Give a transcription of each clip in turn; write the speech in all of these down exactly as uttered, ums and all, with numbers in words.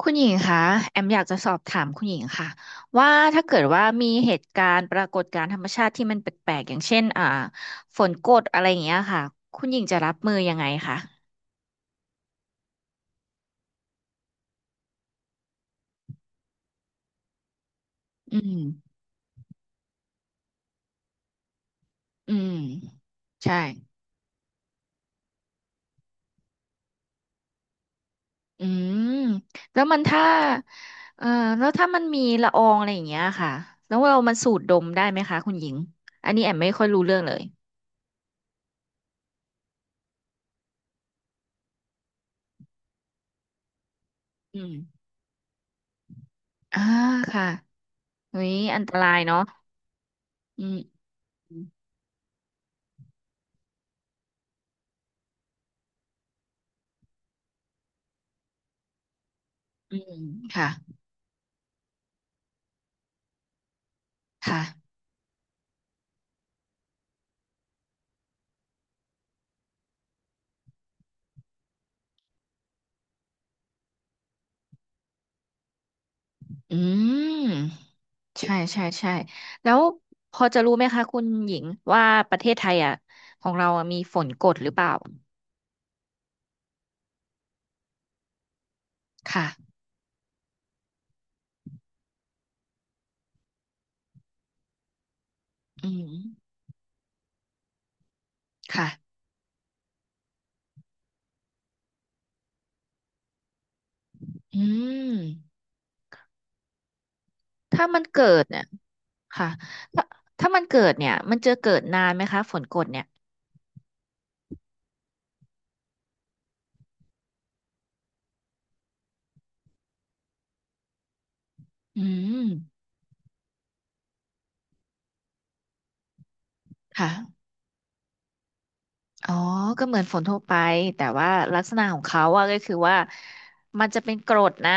คุณหญิงคะแอมอยากจะสอบถามคุณหญิงค่ะว่าถ้าเกิดว่ามีเหตุการณ์ปรากฏการณ์ธรรมชาติที่มันแปลกๆอย่างเช่นอ่าฝนกรดอะไรอย่างเงี้ยค่ะคุณหญิงจะรับมือยังไงคะอืมอืมใช่อืมแล้วมันถ้าเอ่อแล้วถ้ามันมีละอองอะไรอย่างเงี้ยค่ะแล้วเรามันสูดดมได้ไหมคะคุณหญิงอันนี้แอมไม่ค่อยรู้เรื่องเลยอืมอ่าค่ะเฮ้ยอันตรายเนาะอืมอืมอืมค่ะค่ะ อืมใช่ใช่ใช่แล้วพอจะรู้ไหมคะคุณหญิงว่าประเทศไทยอ่ะของเราอะมีฝนกรดหรือเปล่าค่ะอืมค่ะอืมถ้ามันเกิดเนี่ยค่ะถ้าถ้ามันเกิดเนี่ยมันจะเกิดนานไหมคะฝนกรดเนี่ยอืมค่ะ อ๋อ ก็เหมือนฝนทั่วไป แต่ว่าลักษณะของเขาอะก็คือว่ามันจะเป็นกรดนะ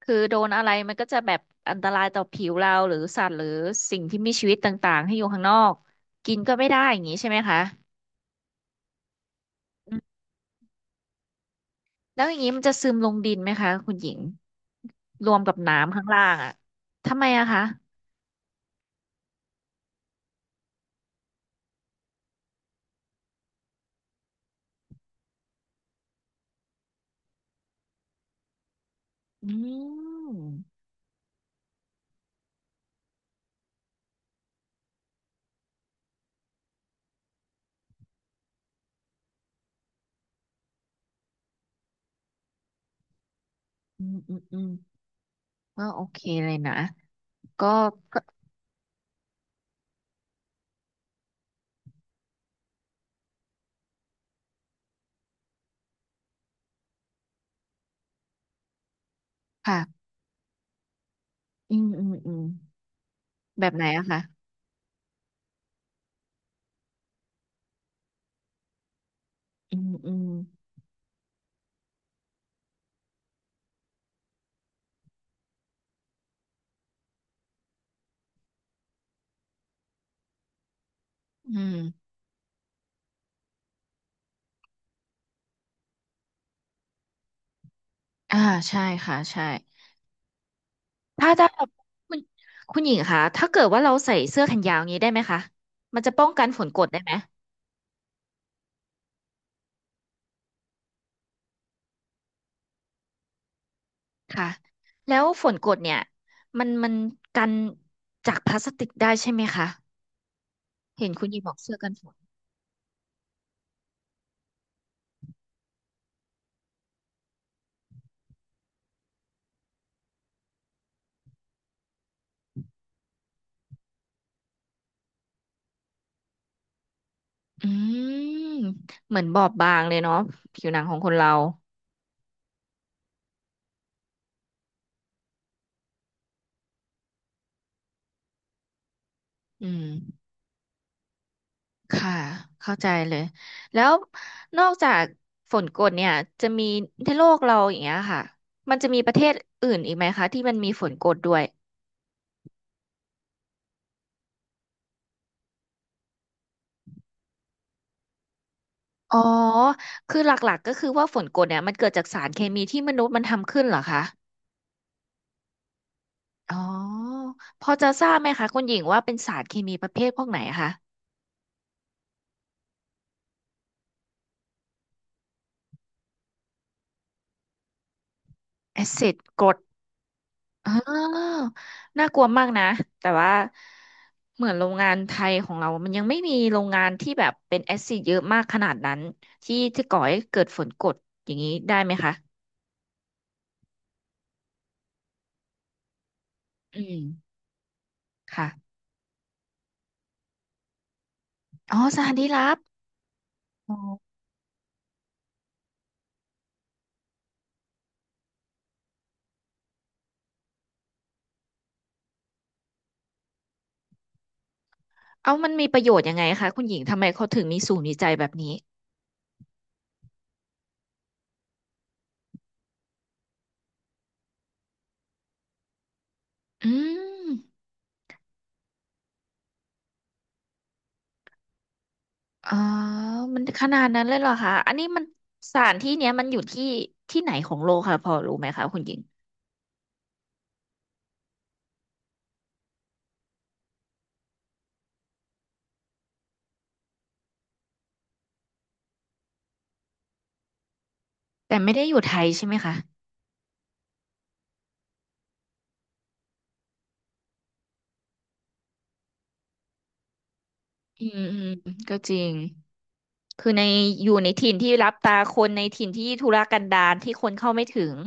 คือโดนอะไรมันก็จะแบบอันตรายต่อผิวเราหรือสัตว์หรือสิ่งที่มีชีวิตต่างๆให้อยู่ข้างนอกกินก็ไม่ได้อย่างนี้ใช่ไหมคะอืมแล้วอย่างนี้มันจะซึมลงดินไหมคะคุณหญิงรวมกับน้ำข้างล่างอะทำไมอะคะ อืมอืมอืมอืมก็โอเคเลยนะก็ก็ค่ะอืมอืมอืมแบบไหนอะคะอืมอืมอืม อ่าใช่ค่ะใช่ถ้าถ้าคุณคุณหญิงคะถ้าเกิดว่าเราใส่เสื้อแขนยาวอย่างนี้ได้ไหมคะมันจะป้องกันฝนกรดได้ไหมค่ะแล้วฝนกรดเนี่ยมันมันกันจากพลาสติกได้ใช่ไหมคะเห็นคุณหญิงบอกเสื้อกันฝนอืมเหมือนบอบบางเลยเนาะผิวหนังของคนเราอืมค่ะเข้าใจเลยแล้วนอกจากฝนกรดเนี่ยจะมีในโลกเราอย่างเงี้ยค่ะมันจะมีประเทศอื่นอีกไหมคะที่มันมีฝนกรดด้วย อ๋อ คือหลักๆก็คือว่าฝนกรดเนี่ยมันเกิดจากสารเคมีที่มนุษย์มันทำขึ้นเหรอคะ อ๋อ พอจะทราบไหมคะคุณหญิงว่าเป็นสารเคมีประเภทพวกไหนคะแอซิดกรดอ๋อน่ากลัวมากนะ แต่ว่าเหมือนโรงงานไทยของเรา มันยังไม่มีโรงงานที่แบบเป็นแอซิดเยอะมากขนาดนั้นที่จะก่อให้เกิดฝนกรดอย่างนี้ได้ไหมคะอืมค่ะอ๋อสารดีลับอ๋อเอามันมีประโยชน์ยังไงคะคุณหญิงทำไมเขาถึงมีศูนย์วิจัยแบบนี้ อืมอ๋อมันขนาดนั้นเลยเหรอคะอันนี้มันสถานที่เนี้ยมันอยู่ที่ที่ไหนของโลกค่ะพอรู้ไหมคะคุณหญิงแต่ไม่ได้อยู่ไทยใช่ไหมคะอืมอืมก็จริงคือในอยู่ในถิ่นที่รับตาคนในถิ่นที่ธุรกันดารที่คนเข้าไม่ถึง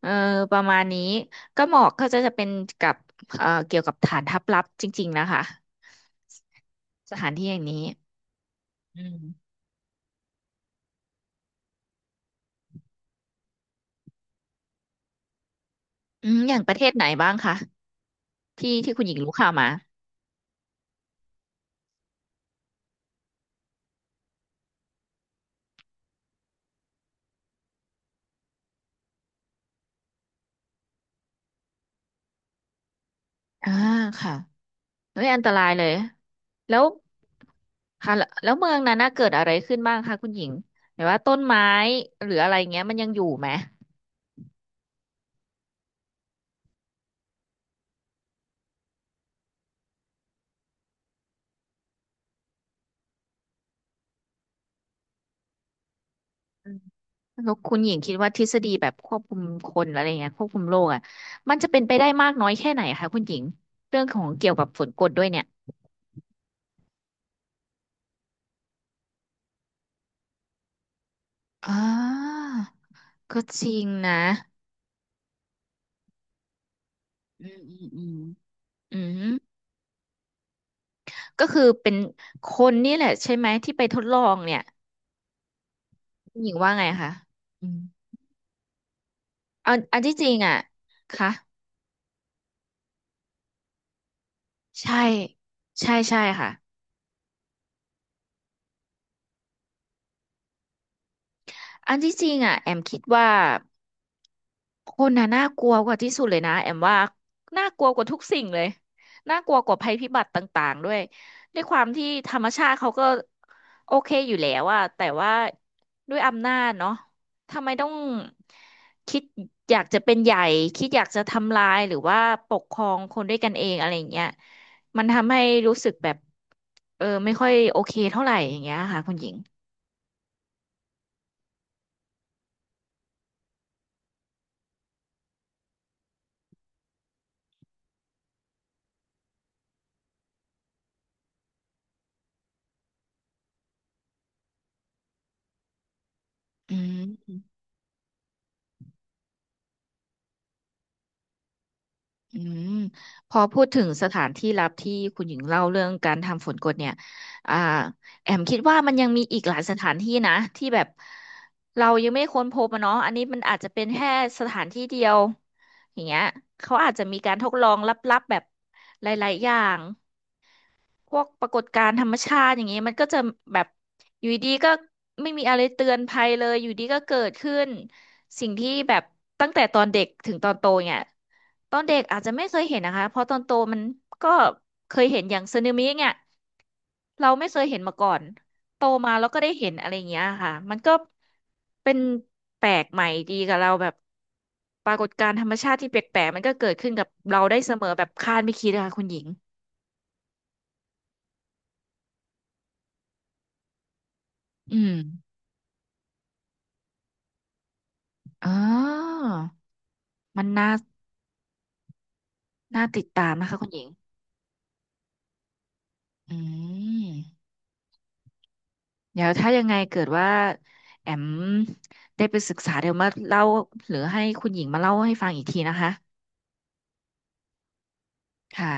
เออประมาณนี้ก็เหมาะก็จะจะเป็นกับเอ่อเกี่ยวกับฐานทัพลับจริงๆนะคะสถานที่อย่างนี้อืมอืมอย่างประเทศไหนบ้างคะที่ที่คุณหญิงรู้ข่าวมาอ่าค่ะ เฮ้ยอันตรายเลยแล้วค่ะแล้วแล้วเมืองนั้นน่ะเกิดอะไรขึ้นบ้างคะคุณหญิงหมายว่าต้นไม้หรืออะไรเงี้ยมันยังอยู่ไหมอืมแล้วคุณหญิงคิดว่าทฤษฎีแบบควบคุมคนอะไรเงี้ยควบคุมโลกอ่ะมันจะเป็นไปได้มากน้อยแค่ไหนคะคุณหญิงเรื่องของเกี่ยวกับฝนกรดด้วยเนี่ยอ่าก็จริงนะอืมอืมอืมอืมก็คือเป็นคนนี่แหละใช่ไหมที่ไปทดลองเนี่ยคุณหญิงว่าไงคะอืมอันอันที่จริงอ่ะค่ะ ใช่ใช่ใช่ค่ะอันที่จริงอ่ะแอมคิดว่าคนน่ะน่ากลัวกว่าที่สุดเลยนะแอมว่าน่ากลัวกว่าทุกสิ่งเลยน่ากลัวกว่าภัยพิบัติต่างๆด้วยด้วยความที่ธรรมชาติเขาก็โอเคอยู่แล้วอะแต่ว่าด้วยอำนาจเนาะทำไมต้องคิดอยากจะเป็นใหญ่คิดอยากจะทำลายหรือว่าปกครองคนด้วยกันเองอะไรอย่างเงี้ยมันทำให้รู้สึกแบบเออไม่ค่อยโอเคเท่าไหร่อย่างเงี้ยค่ะคุณหญิงอืม อืมพอพูดถึงสถานที่ลับที่คุณหญิงเล่าเรื่องการทำฝนกดเนี่ยอ่าแอมคิดว่ามันยังมีอีกหลายสถานที่นะที่แบบเรายังไม่ค้นพบอะเนาะอันนี้มันอาจจะเป็นแค่สถานที่เดียวอย่างเงี้ยเขาอาจจะมีการทดลองลับๆแบบหลายๆอย่าง พวกปรากฏการณ์ธรรมชาติอย่างนี้มันก็จะแบบอยู่ดีๆก็ไม่มีอะไรเตือนภัยเลยอยู่ดีก็เกิดขึ้นสิ่งที่แบบตั้งแต่ตอนเด็กถึงตอนโตเนี่ยตอนเด็กอาจจะไม่เคยเห็นนะคะเพราะตอนโตมันก็เคยเห็นอย่างสึนามิเนี่ยเราไม่เคยเห็นมาก่อนโตมาแล้วก็ได้เห็นอะไรอย่างเงี้ยค่ะมันก็เป็นแปลกใหม่ดีกับเราแบบปรากฏการณ์ธรรมชาติที่แปลกๆมันก็เกิดขึ้นกับเราได้เสมอแบบคาดไม่คิดนะคะคุณหญิงอืม อ๋อมันน่าน่าติดตามนะคะคุณหญิง อืมเดี๋ยวถ้ายังไงเกิดว่าแอมได้ไปศึกษาเดี๋ยวมาเล่าหรือให้คุณหญิงมาเล่าให้ฟังอีกทีนะคะ ค่ะ